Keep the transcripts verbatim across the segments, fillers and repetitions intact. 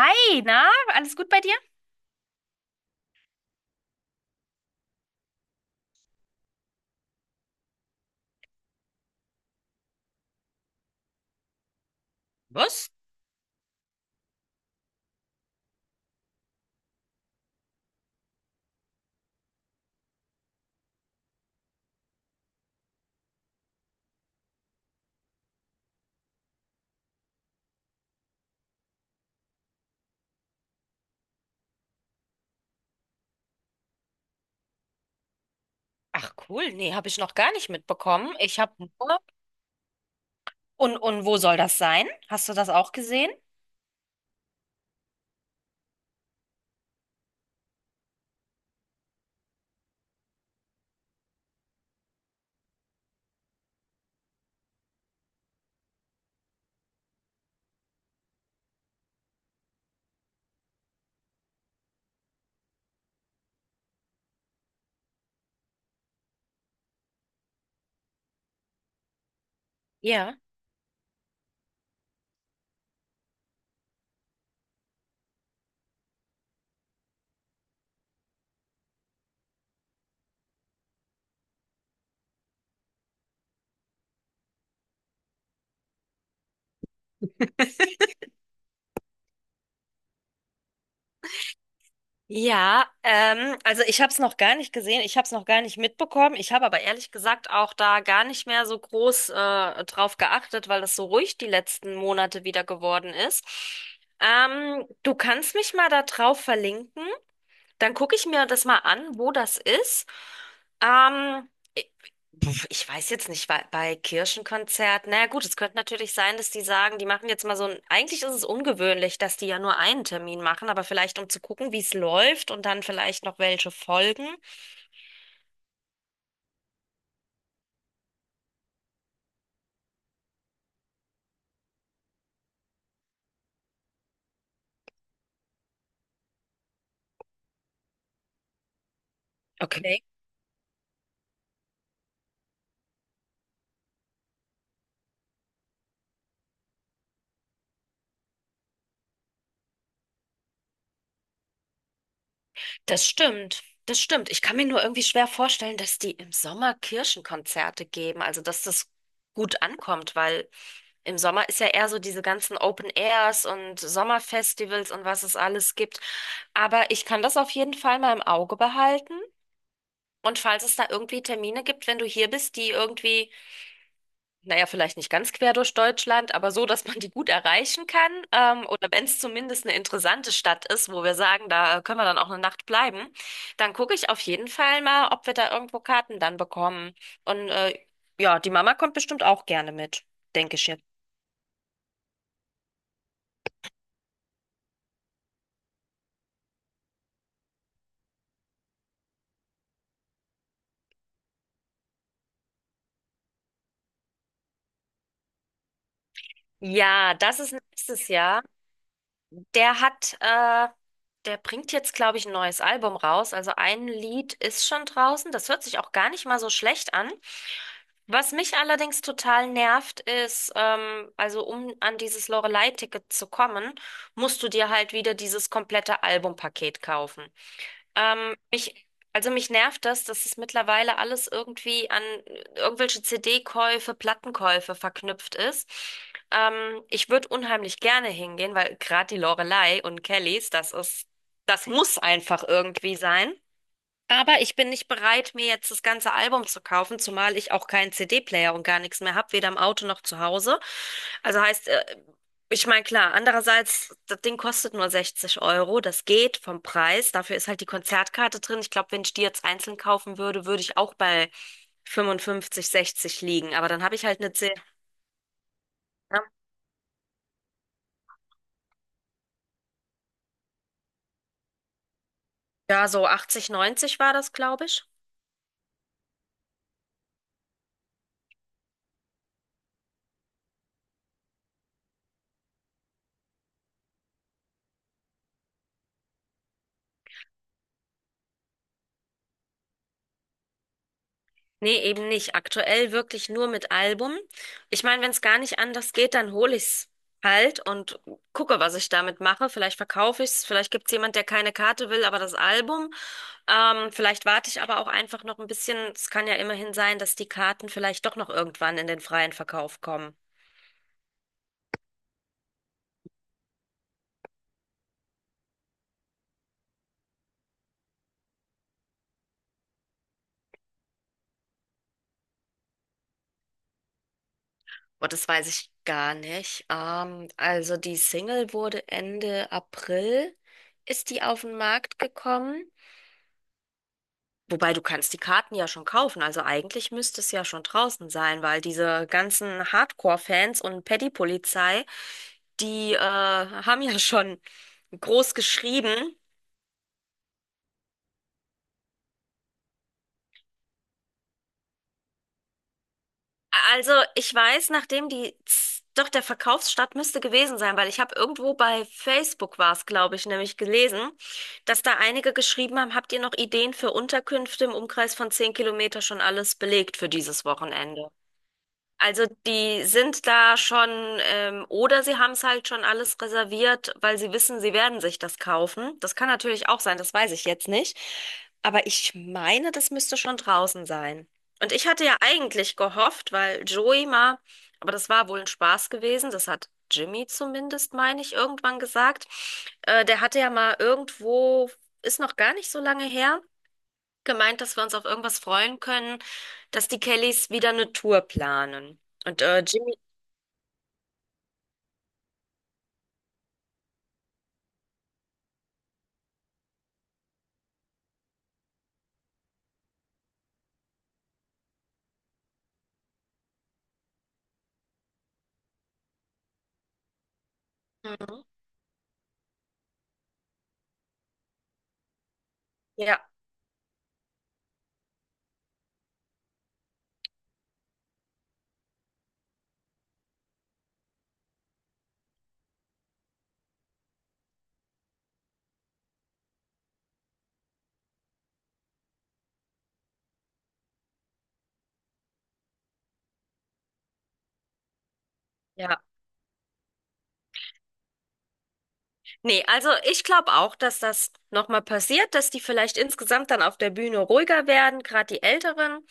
Hi, na, alles gut bei dir? Ach cool, nee, habe ich noch gar nicht mitbekommen. Ich habe nur. Und, und wo soll das sein? Hast du das auch gesehen? Ja. Ja, ähm, also ich habe es noch gar nicht gesehen, ich habe es noch gar nicht mitbekommen. Ich habe aber ehrlich gesagt auch da gar nicht mehr so groß äh, drauf geachtet, weil das so ruhig die letzten Monate wieder geworden ist. Ähm, du kannst mich mal da drauf verlinken. Dann gucke ich mir das mal an, wo das ist. Ähm, ich, pf, ich weiß jetzt nicht, bei, bei Kirchenkonzert, naja gut, es könnte natürlich sein, dass die sagen, die machen jetzt mal so ein, eigentlich ist es ungewöhnlich, dass die ja nur einen Termin machen, aber vielleicht um zu gucken, wie es läuft und dann vielleicht noch welche folgen. Okay. Das stimmt, das stimmt. Ich kann mir nur irgendwie schwer vorstellen, dass die im Sommer Kirchenkonzerte geben, also dass das gut ankommt, weil im Sommer ist ja eher so diese ganzen Open Airs und Sommerfestivals und was es alles gibt. Aber ich kann das auf jeden Fall mal im Auge behalten. Und falls es da irgendwie Termine gibt, wenn du hier bist, die irgendwie naja, vielleicht nicht ganz quer durch Deutschland, aber so, dass man die gut erreichen kann. Ähm, oder wenn es zumindest eine interessante Stadt ist, wo wir sagen, da können wir dann auch eine Nacht bleiben, dann gucke ich auf jeden Fall mal, ob wir da irgendwo Karten dann bekommen. Und äh, ja, die Mama kommt bestimmt auch gerne mit, denke ich jetzt. Ja, das ist nächstes Jahr. Der hat, äh, der bringt jetzt, glaube ich, ein neues Album raus. Also ein Lied ist schon draußen. Das hört sich auch gar nicht mal so schlecht an. Was mich allerdings total nervt, ist, ähm, also um an dieses Loreley-Ticket zu kommen, musst du dir halt wieder dieses komplette Albumpaket kaufen. Ähm, mich, also mich nervt das, dass es mittlerweile alles irgendwie an irgendwelche C D-Käufe, Plattenkäufe verknüpft ist. Ähm, ich würde unheimlich gerne hingehen, weil gerade die Loreley und Kellys, das ist, das muss einfach irgendwie sein. Aber ich bin nicht bereit, mir jetzt das ganze Album zu kaufen, zumal ich auch keinen C D-Player und gar nichts mehr habe, weder im Auto noch zu Hause. Also heißt, äh, ich meine, klar, andererseits, das Ding kostet nur sechzig Euro, das geht vom Preis. Dafür ist halt die Konzertkarte drin. Ich glaube, wenn ich die jetzt einzeln kaufen würde, würde ich auch bei fünfundfünfzig, sechzig liegen. Aber dann habe ich halt eine zehn, ne? Ja, so achtzig, neunzig war das, glaube ich. Nee, eben nicht. Aktuell wirklich nur mit Album. Ich meine, wenn es gar nicht anders geht, dann hole ich's halt und gucke, was ich damit mache. Vielleicht verkaufe ich's, vielleicht gibt's jemand, der keine Karte will, aber das Album. Ähm, vielleicht warte ich aber auch einfach noch ein bisschen. Es kann ja immerhin sein, dass die Karten vielleicht doch noch irgendwann in den freien Verkauf kommen. Und das weiß ich gar nicht. Ähm, also die Single wurde Ende April, ist die auf den Markt gekommen. Wobei du kannst die Karten ja schon kaufen, also eigentlich müsste es ja schon draußen sein, weil diese ganzen Hardcore-Fans und Paddy-Polizei, die äh, haben ja schon groß geschrieben. Also ich weiß, nachdem die, z- doch der Verkaufsstart müsste gewesen sein, weil ich habe irgendwo bei Facebook war es, glaube ich, nämlich gelesen, dass da einige geschrieben haben, habt ihr noch Ideen für Unterkünfte im Umkreis von zehn Kilometer schon alles belegt für dieses Wochenende? Also die sind da schon, ähm, oder sie haben es halt schon alles reserviert, weil sie wissen, sie werden sich das kaufen. Das kann natürlich auch sein, das weiß ich jetzt nicht. Aber ich meine, das müsste schon draußen sein. Und ich hatte ja eigentlich gehofft, weil Joey mal, aber das war wohl ein Spaß gewesen, das hat Jimmy zumindest, meine ich, irgendwann gesagt. Äh, der hatte ja mal irgendwo, ist noch gar nicht so lange her, gemeint, dass wir uns auf irgendwas freuen können, dass die Kellys wieder eine Tour planen. Und äh, Jimmy, mhm. Ja, ja. Nee, also ich glaube auch, dass das nochmal passiert, dass die vielleicht insgesamt dann auf der Bühne ruhiger werden, gerade die Älteren.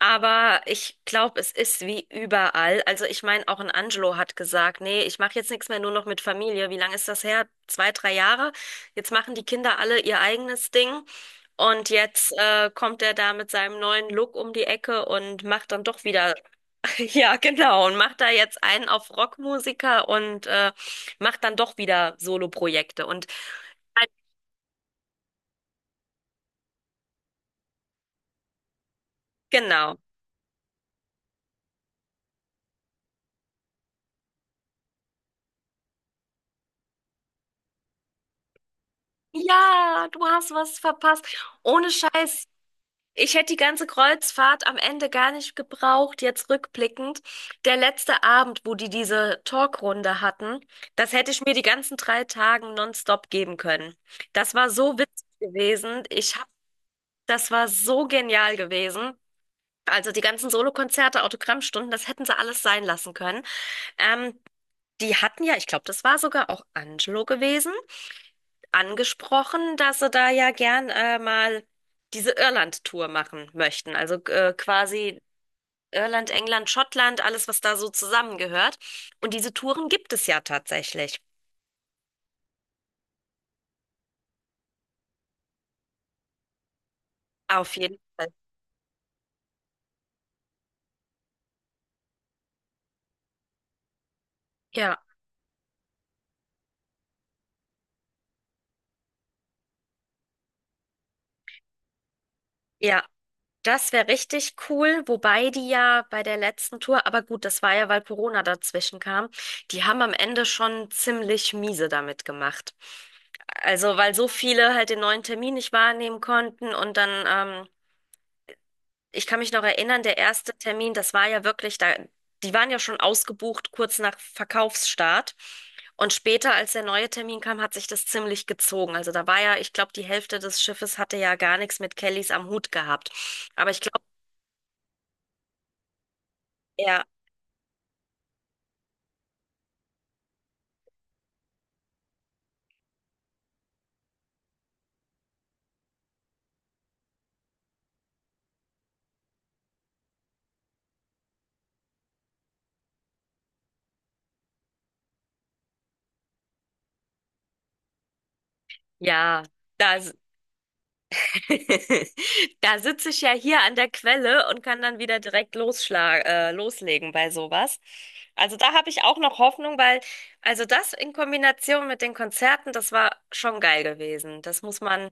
Aber ich glaube, es ist wie überall. Also ich meine, auch ein Angelo hat gesagt, nee, ich mache jetzt nichts mehr, nur noch mit Familie. Wie lange ist das her? Zwei, drei Jahre. Jetzt machen die Kinder alle ihr eigenes Ding. Und jetzt äh, kommt er da mit seinem neuen Look um die Ecke und macht dann doch wieder ja, genau. Und macht da jetzt einen auf Rockmusiker und äh, macht dann doch wieder Soloprojekte. Und genau. Ja, du hast was verpasst. Ohne Scheiß. Ich hätte die ganze Kreuzfahrt am Ende gar nicht gebraucht, jetzt rückblickend. Der letzte Abend, wo die diese Talkrunde hatten, das hätte ich mir die ganzen drei Tagen nonstop geben können. Das war so witzig gewesen. Ich hab, das war so genial gewesen. Also die ganzen Solokonzerte, Autogrammstunden, das hätten sie alles sein lassen können. Ähm, Die hatten ja, ich glaube, das war sogar auch Angelo gewesen, angesprochen, dass sie da ja gern äh, mal diese Irland-Tour machen möchten. Also äh, quasi Irland, England, Schottland, alles, was da so zusammengehört. Und diese Touren gibt es ja tatsächlich. Auf jeden Fall. Ja. Ja, das wäre richtig cool, wobei die ja bei der letzten Tour, aber gut, das war ja, weil Corona dazwischen kam, die haben am Ende schon ziemlich miese damit gemacht. Also, weil so viele halt den neuen Termin nicht wahrnehmen konnten und dann, ähm, ich kann mich noch erinnern, der erste Termin, das war ja wirklich da, die waren ja schon ausgebucht kurz nach Verkaufsstart. Und später, als der neue Termin kam, hat sich das ziemlich gezogen. Also da war ja, ich glaube, die Hälfte des Schiffes hatte ja gar nichts mit Kellys am Hut gehabt. Aber ich glaube, ja, da, s- da sitze ich ja hier an der Quelle und kann dann wieder direkt losschlag, äh, loslegen bei sowas. Also da habe ich auch noch Hoffnung, weil, also das in Kombination mit den Konzerten, das war schon geil gewesen. Das muss man,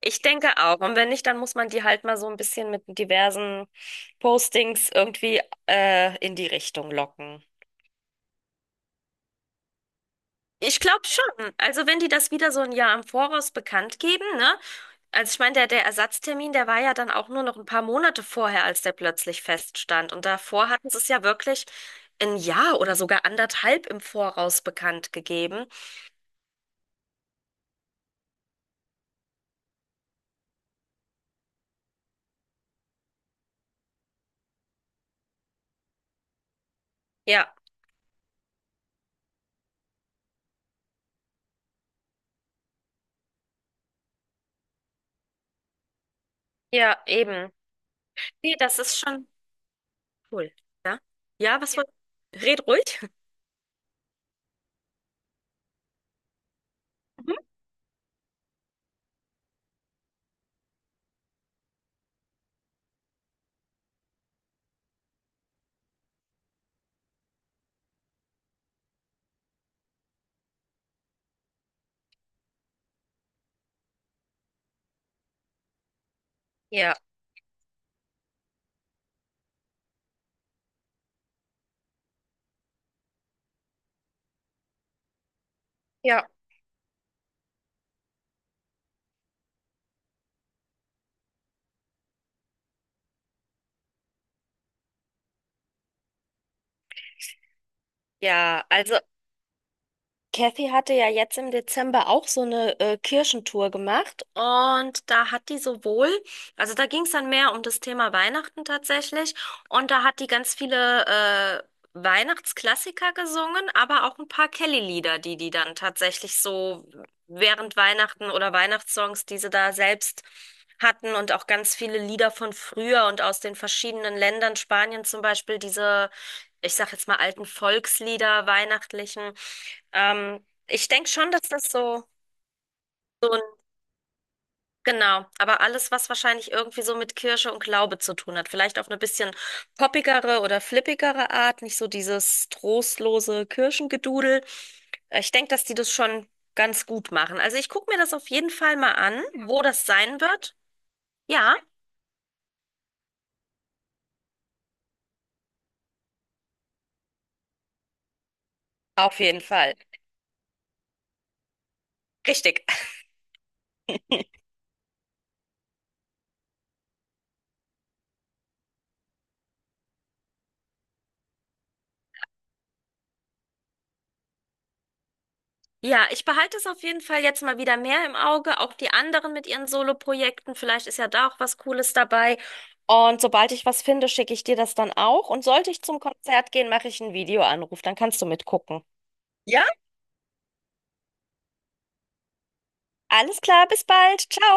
ich denke auch. Und wenn nicht, dann muss man die halt mal so ein bisschen mit diversen Postings irgendwie, äh, in die Richtung locken. Ich glaube schon. Also wenn die das wieder so ein Jahr im Voraus bekannt geben, ne? Also ich meine, der, der Ersatztermin, der war ja dann auch nur noch ein paar Monate vorher, als der plötzlich feststand. Und davor hatten sie es ja wirklich ein Jahr oder sogar anderthalb im Voraus bekannt gegeben. Ja, ja, eben. Nee, das ist schon cool. Ja, ja, was war? Red ruhig. Mhm. Ja, ja. Ja, also. Kathy hatte ja jetzt im Dezember auch so eine äh, Kirchentour gemacht und da hat die sowohl, also da ging es dann mehr um das Thema Weihnachten tatsächlich und da hat die ganz viele äh, Weihnachtsklassiker gesungen, aber auch ein paar Kelly-Lieder, die die dann tatsächlich so während Weihnachten oder Weihnachtssongs, die sie da selbst hatten und auch ganz viele Lieder von früher und aus den verschiedenen Ländern, Spanien zum Beispiel, diese, ich sag jetzt mal alten Volkslieder, weihnachtlichen. Ähm, ich denke schon, dass das so, so ein, genau, aber alles, was wahrscheinlich irgendwie so mit Kirche und Glaube zu tun hat. Vielleicht auf eine bisschen poppigere oder flippigere Art, nicht so dieses trostlose Kirchengedudel. Äh, Ich denke, dass die das schon ganz gut machen. Also ich gucke mir das auf jeden Fall mal an, wo das sein wird. Ja, auf jeden Fall. Richtig. Ja, ich behalte es auf jeden Fall jetzt mal wieder mehr im Auge, auch die anderen mit ihren Solo-Projekten. Vielleicht ist ja da auch was Cooles dabei. Und sobald ich was finde, schicke ich dir das dann auch. Und sollte ich zum Konzert gehen, mache ich einen Videoanruf. Dann kannst du mitgucken. Ja? Alles klar, bis bald. Ciao.